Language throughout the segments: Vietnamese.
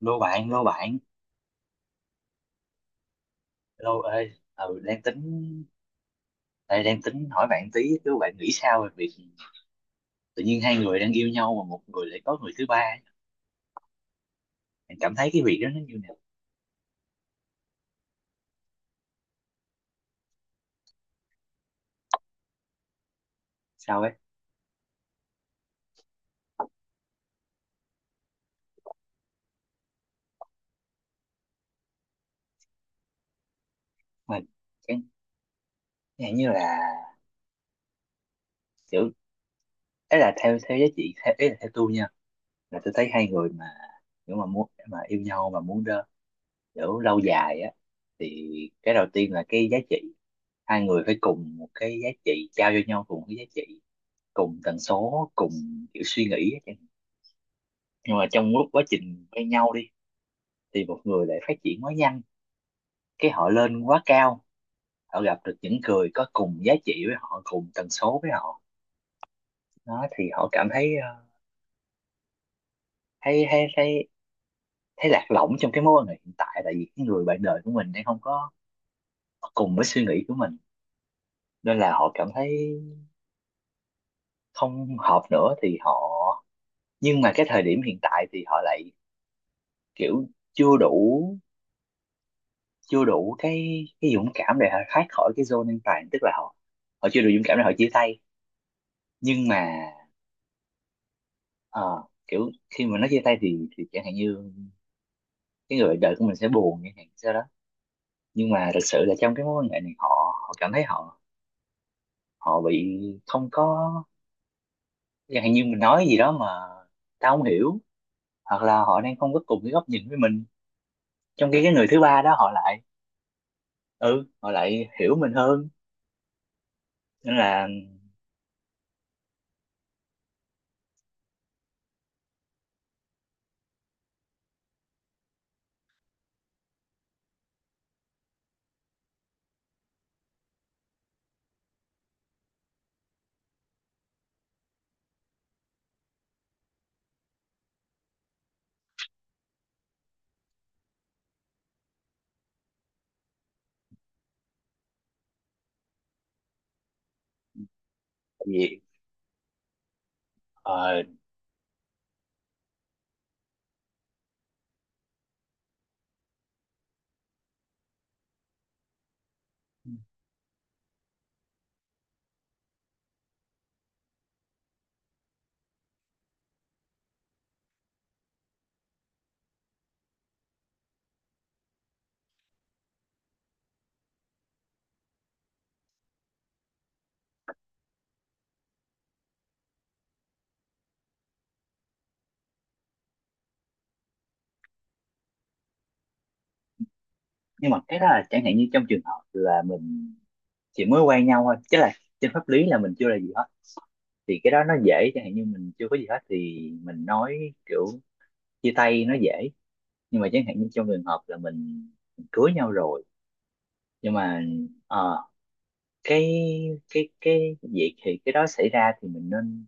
Lô bạn, lô bạn, lô ơi. Ừ, đang tính đây đang tính hỏi bạn tí, chứ bạn nghĩ sao về việc tự nhiên hai người đang yêu nhau mà một người lại có người thứ ba ấy? Bạn cảm thấy cái việc đó nó như nào? Sao ấy? Mình chẳng chẳng như là, kiểu, ấy là theo theo giá trị, theo, ấy là theo tôi nha, là tôi thấy hai người mà nếu mà muốn mà yêu nhau mà muốn kiểu lâu dài á, thì cái đầu tiên là cái giá trị, hai người phải cùng một cái giá trị trao cho nhau, cùng cái giá trị, cùng tần số, cùng kiểu suy nghĩ. Nhưng mà trong lúc quá trình quen nhau đi thì một người lại phát triển quá nhanh, cái họ lên quá cao, họ gặp được những người có cùng giá trị với họ, cùng tần số với họ. Đó thì họ cảm thấy thấy thấy thấy thấy lạc lõng trong cái mối quan hệ hiện tại, tại vì cái người bạn đời của mình đang không có cùng với suy nghĩ của mình, nên là họ cảm thấy không hợp nữa thì họ. Nhưng mà cái thời điểm hiện tại thì họ lại, kiểu, chưa đủ chưa đủ cái dũng cảm để họ thoát khỏi cái zone an toàn, tức là họ họ chưa đủ dũng cảm để họ chia tay. Nhưng mà ờ, kiểu khi mà nó chia tay thì chẳng hạn như cái người bạn đời của mình sẽ buồn chẳng hạn sao đó. Nhưng mà thực sự là trong cái mối quan hệ này họ họ cảm thấy họ họ bị không có, chẳng hạn như mình nói gì đó mà tao không hiểu, hoặc là họ đang không có cùng cái góc nhìn với mình, trong khi cái người thứ ba đó họ lại, ừ họ lại hiểu mình hơn, nên là gì ờ, nhưng mà cái đó là chẳng hạn như trong trường hợp là mình chỉ mới quen nhau thôi, chứ là trên pháp lý là mình chưa là gì hết thì cái đó nó dễ. Chẳng hạn như mình chưa có gì hết thì mình nói kiểu chia tay nó dễ, nhưng mà chẳng hạn như trong trường hợp là mình cưới nhau rồi, nhưng mà ờ, cái, cái việc thì cái đó xảy ra thì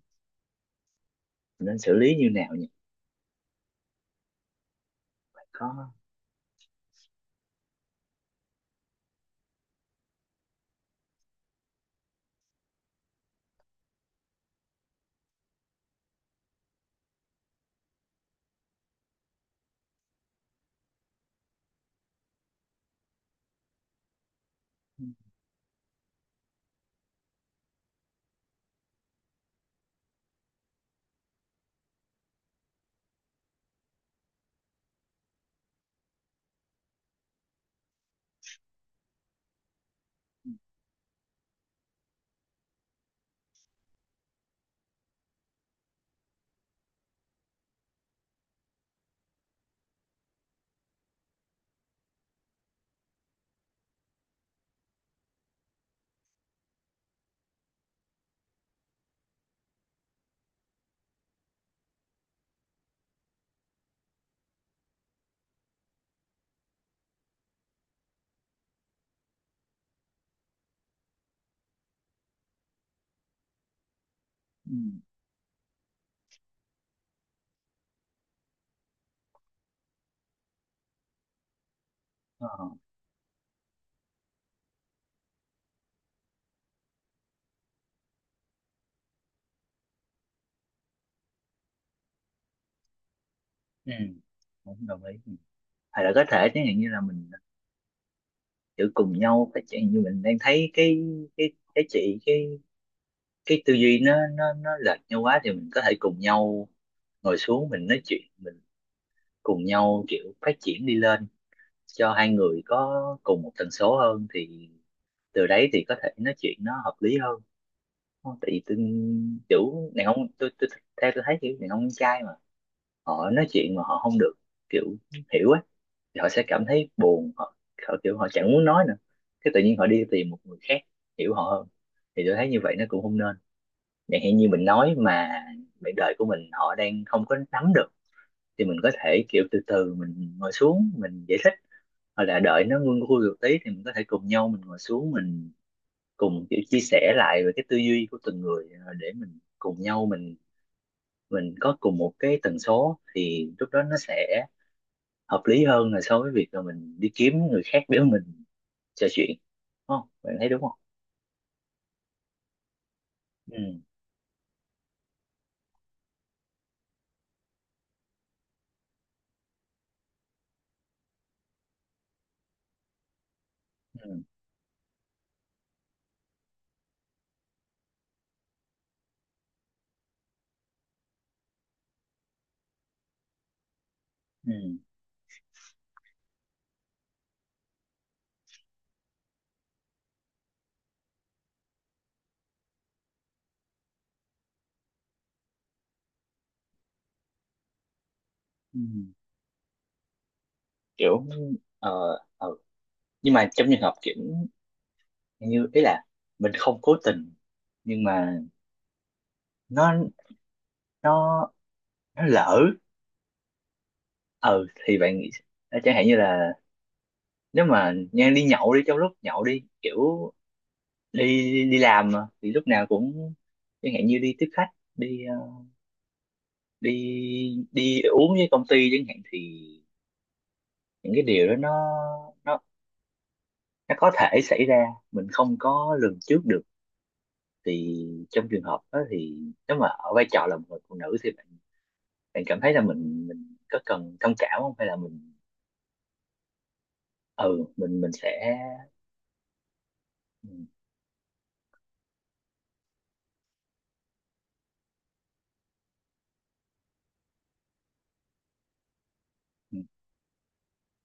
mình nên xử lý như nào nhỉ? Có. Ừ. Ờ. Ừ. Cũng đồng ý. Hay là có thể chẳng hạn như là mình tự cùng nhau phát triển, như mình đang thấy cái, cái chị cái tư duy nó lệch nhau quá thì mình có thể cùng nhau ngồi xuống mình nói chuyện, mình cùng nhau kiểu phát triển đi lên cho hai người có cùng một tần số hơn thì từ đấy thì có thể nói chuyện nó hợp lý hơn. Không, tại vì tôi, kiểu đàn ông, tôi theo tôi thấy kiểu đàn ông trai mà họ nói chuyện mà họ không được, kiểu, hiểu á, thì họ sẽ cảm thấy buồn, họ, họ kiểu họ chẳng muốn nói nữa, cái tự nhiên họ đi tìm một người khác hiểu họ hơn thì tôi thấy như vậy nó cũng không nên. Chẳng hạn như mình nói mà bạn đời của mình họ đang không có nắm được thì mình có thể kiểu từ từ mình ngồi xuống mình giải thích, hoặc là đợi nó nguôi nguôi một tí thì mình có thể cùng nhau mình ngồi xuống mình cùng kiểu chia sẻ lại về cái tư duy của từng người, để mình cùng nhau mình có cùng một cái tần số thì lúc đó nó sẽ hợp lý hơn là so với việc là mình đi kiếm người khác để mình trò chuyện. Đúng không? Bạn thấy đúng không? Ừ, ừ, ừ, ừ. Kiểu, ờ, ờ. Nhưng mà trong trường hợp kiểu như, ý là mình không cố tình, nhưng mà nó nó nó lỡ, ừ, thì bạn nghĩ chẳng hạn như là, nếu mà nha, đi nhậu đi, trong lúc nhậu đi, kiểu đi đi làm mà thì lúc nào cũng chẳng hạn như đi tiếp khách, đi ờ, đi đi uống với công ty chẳng hạn thì những cái điều đó nó nó có thể xảy ra, mình không có lường trước được thì trong trường hợp đó thì nếu mà ở vai trò là một người phụ nữ thì bạn cảm thấy là mình có cần thông cảm không, hay là mình, mình sẽ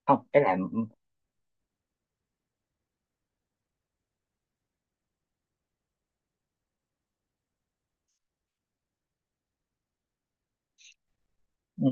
không. Cái là, ừ,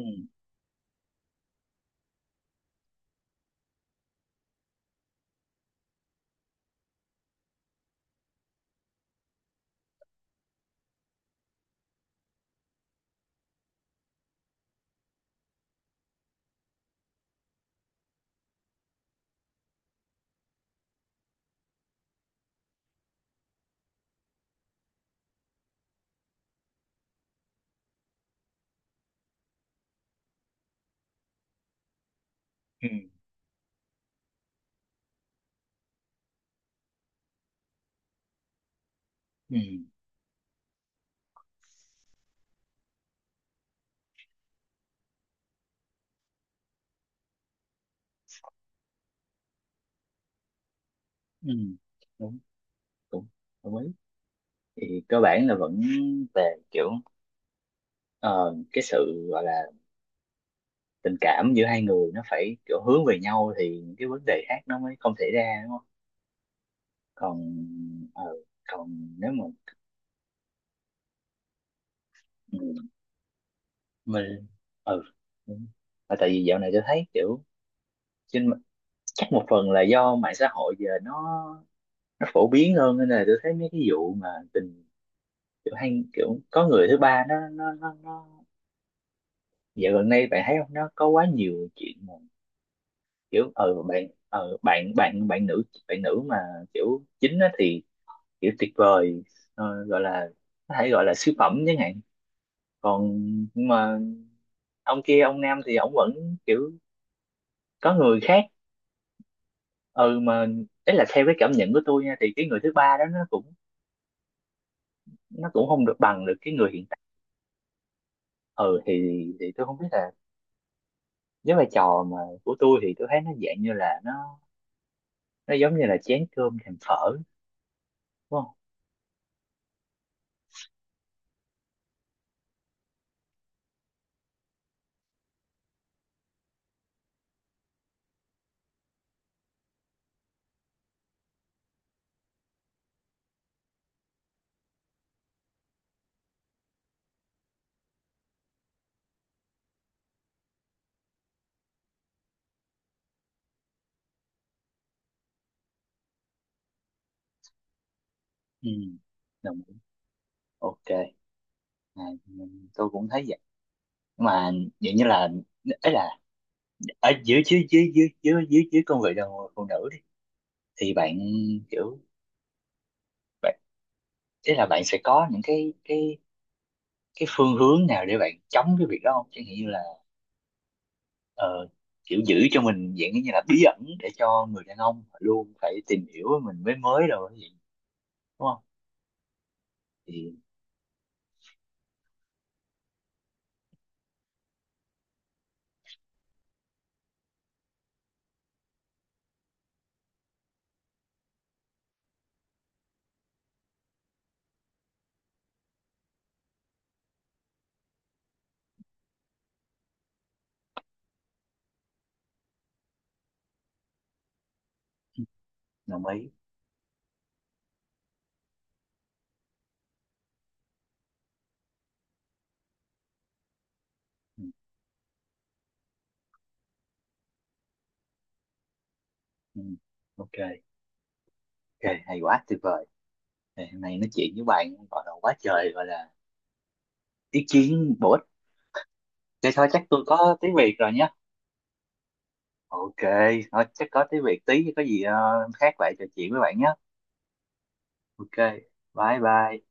ừ, ừ, ừ, ừ. Đúng, đúng. Đồng ý. Thì cơ bản là vẫn về, kiểu, ờ, cái sự gọi là tình cảm giữa hai người nó phải kiểu hướng về nhau thì những cái vấn đề khác nó mới không xảy ra, đúng không? Còn ờ, còn nếu mà, ừ, mình, ừ. Đúng. Mà tại vì dạo này tôi thấy kiểu trên chắc một phần là do mạng xã hội giờ nó phổ biến hơn nên là tôi thấy mấy cái vụ mà tình, kiểu, hay kiểu có người thứ ba nó, nó. Dạo gần đây bạn thấy không, nó có quá nhiều chuyện mà, kiểu, ờ bạn bạn bạn nữ, mà kiểu chính á thì kiểu tuyệt vời, gọi là, có thể gọi là siêu phẩm chẳng hạn. Còn, nhưng mà ông kia, ông nam thì ông vẫn, kiểu, có người khác. Ừ, mà đấy là theo cái cảm nhận của tôi nha, thì cái người thứ ba đó nó cũng không được bằng được cái người hiện tại. Ừ, thì tôi không biết là với vai trò mà của tôi thì tôi thấy nó dạng như là nó giống như là chén cơm thèm phở, đúng không? Ừ. Đồng ý. OK. À, tôi cũng thấy vậy mà. Vậy như là, ấy là ở dưới, dưới dưới dưới dưới dưới dưới cương vị đồng phụ nữ đi thì bạn, kiểu bạn, ý là bạn sẽ có những cái, cái phương hướng nào để bạn chống cái việc đó không, chẳng hạn như là ờ, kiểu giữ cho mình dạng như là bí ẩn để cho người đàn ông luôn phải tìm hiểu mình, mới mới rồi vậy, đúng không? Thì đồng ý. Ừ, ừ. OK. OK, hay quá, tuyệt vời! Ngày hôm nay nói chuyện với bạn gọi là quá trời, gọi là ý kiến bổ ích. Thế thôi, chắc tôi có tiếng Việt rồi nhé. OK, thôi chắc có tiếng Việt tí có gì khác lại trò chuyện với bạn nhé. OK, bye bye.